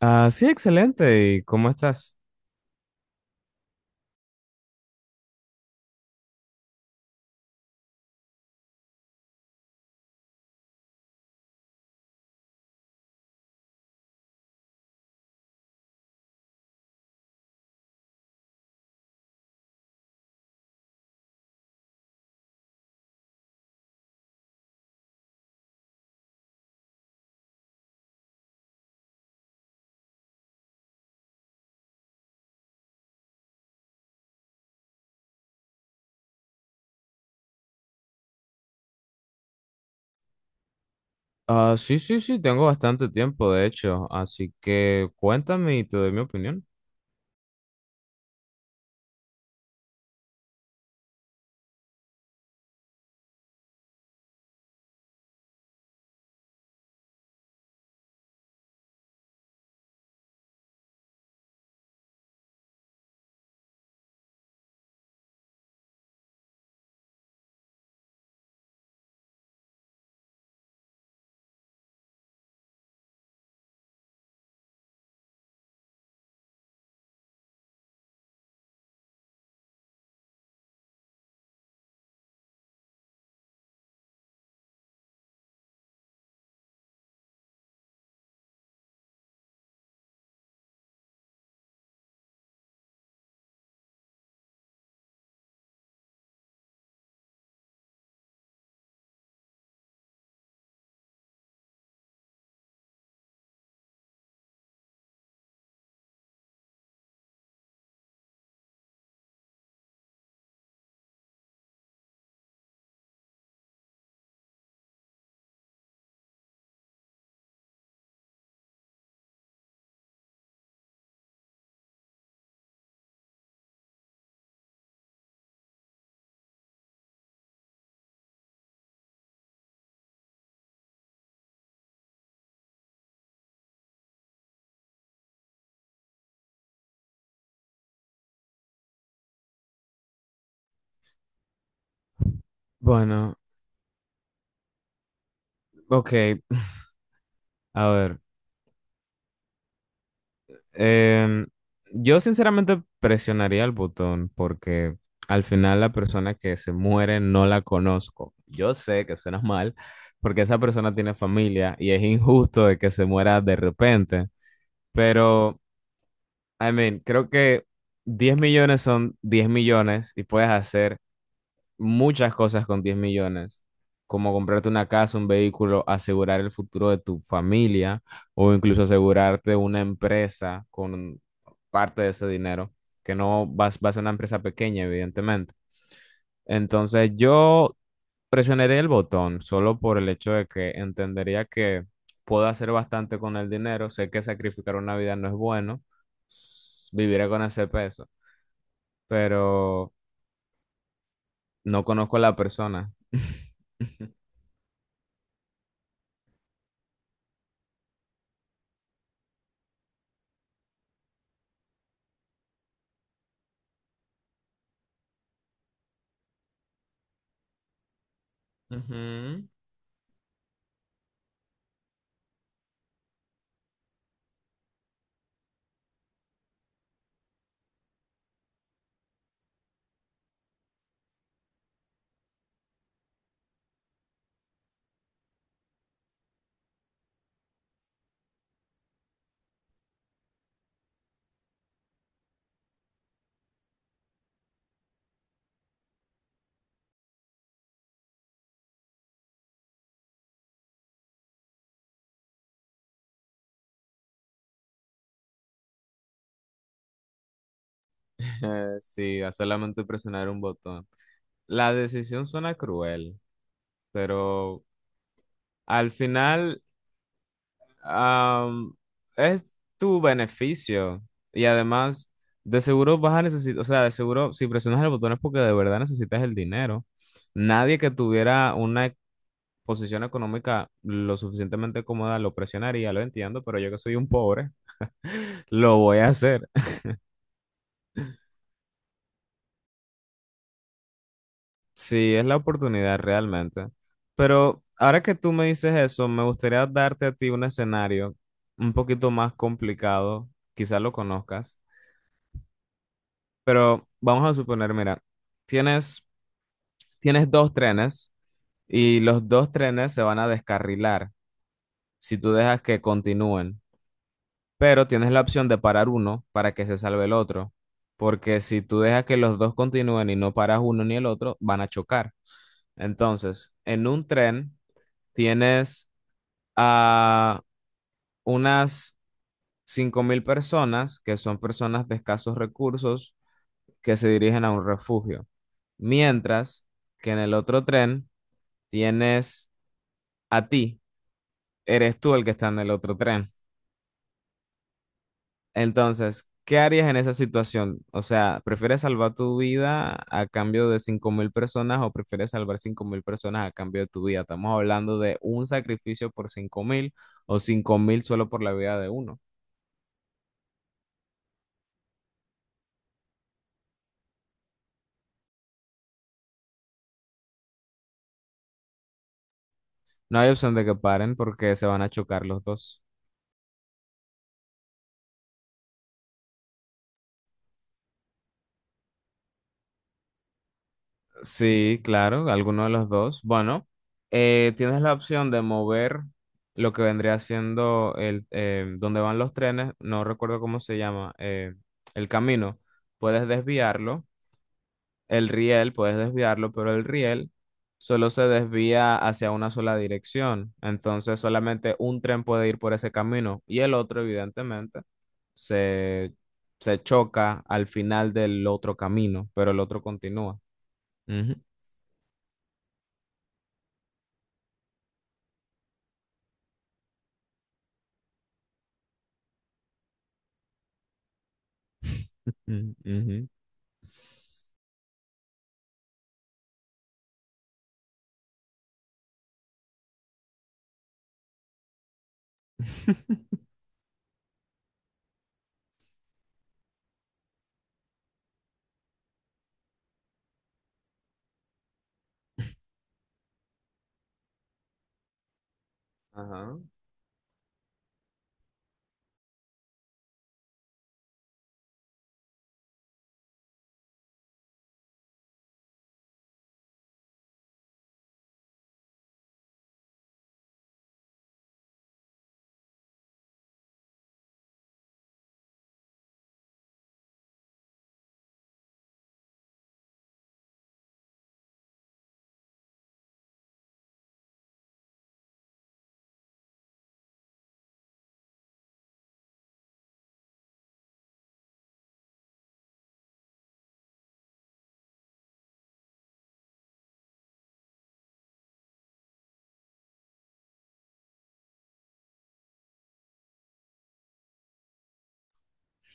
Ah, sí, excelente. ¿Y cómo estás? Ah, sí, sí, sí, tengo bastante tiempo, de hecho, así que cuéntame y te doy mi opinión. Bueno, ok, a ver, em, yo sinceramente presionaría el botón porque al final la persona que se muere no la conozco. Yo sé que suena mal porque esa persona tiene familia y es injusto de que se muera de repente, pero, I mean, creo que 10 millones son 10 millones y puedes hacer muchas cosas con 10 millones, como comprarte una casa, un vehículo, asegurar el futuro de tu familia o incluso asegurarte una empresa con parte de ese dinero, que no vas a ser una empresa pequeña, evidentemente. Entonces yo presionaré el botón solo por el hecho de que entendería que puedo hacer bastante con el dinero, sé que sacrificar una vida no es bueno, viviré con ese peso, pero... No conozco a la persona. Ujú. Sí, a solamente presionar un botón. La decisión suena cruel, pero al final am, es tu beneficio. Y además, de seguro vas a necesitar, o sea, de seguro si presionas el botón es porque de verdad necesitas el dinero. Nadie que tuviera una posición económica lo suficientemente cómoda lo presionaría, lo entiendo, pero yo que soy un pobre, lo voy a hacer. Sí, es la oportunidad realmente. Pero ahora que tú me dices eso, me gustaría darte a ti un escenario un poquito más complicado, quizás lo conozcas, pero vamos a suponer, mira, tienes, tienes dos trenes y los dos trenes se van a descarrilar si tú dejas que continúen, pero tienes la opción de parar uno para que se salve el otro, porque si tú dejas que los dos continúen y no paras uno ni el otro, van a chocar. Entonces, en un tren... Tienes a unas 5000 personas, que son personas de escasos recursos, que se dirigen a un refugio. Mientras que en el otro tren tienes a ti, eres tú el que está en el otro tren. Entonces, ¿qué harías en esa situación? O sea, ¿prefieres salvar tu vida a cambio de 5000 personas o prefieres salvar 5000 personas a cambio de tu vida? Estamos hablando de un sacrificio por 5000 o 5000 solo por la vida de uno. No hay opción de que paren porque se van a chocar los dos. Sí, claro, alguno de los dos. Bueno, tienes la opción de mover lo que vendría siendo el donde van los trenes, no recuerdo cómo se llama, el camino. Puedes desviarlo, el riel, puedes desviarlo, pero el riel solo se desvía hacia una sola dirección. Entonces solamente un tren puede ir por ese camino y el otro, evidentemente se, se choca al final del otro camino, pero el otro continúa. Ujú, ujú, ujú. Ajá.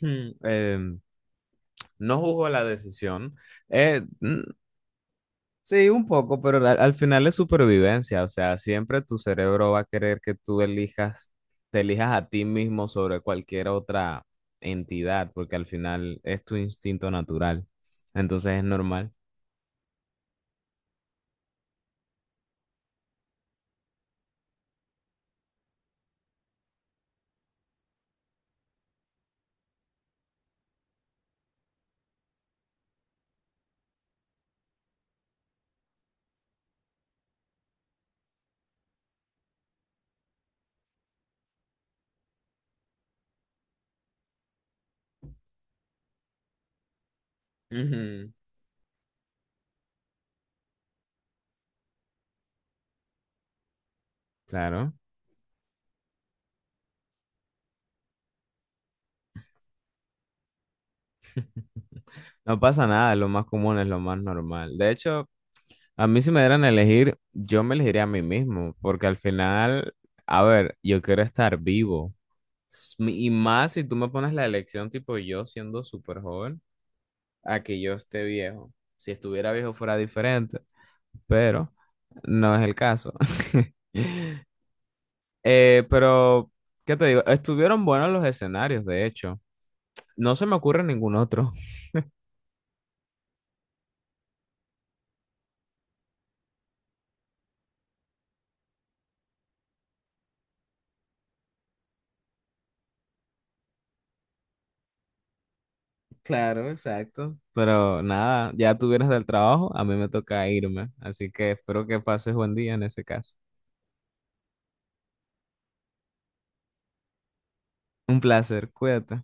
Hmm, no juzgo la decisión. Mm, sí, un poco, pero al final es supervivencia. O sea, siempre tu cerebro va a querer que tú te elijas a ti mismo sobre cualquier otra entidad, porque al final es tu instinto natural. Entonces es normal. Ujú, claro. No pasa nada, lo más común es lo más normal. De hecho, a mí si me dieran a elegir, yo me elegiría a mí mismo, porque al final, a ver, yo quiero estar vivo. Y más si tú me pones la elección tipo yo siendo súper joven, a que yo esté viejo. Si estuviera viejo fuera diferente, pero no es el caso. Pero, ¿qué te digo? Estuvieron buenos los escenarios, de hecho. No se me ocurre ningún otro. Claro, exacto. Pero nada, ya tú vienes del trabajo, a mí me toca irme, así que espero que pases buen día en ese caso. Un placer, cuídate.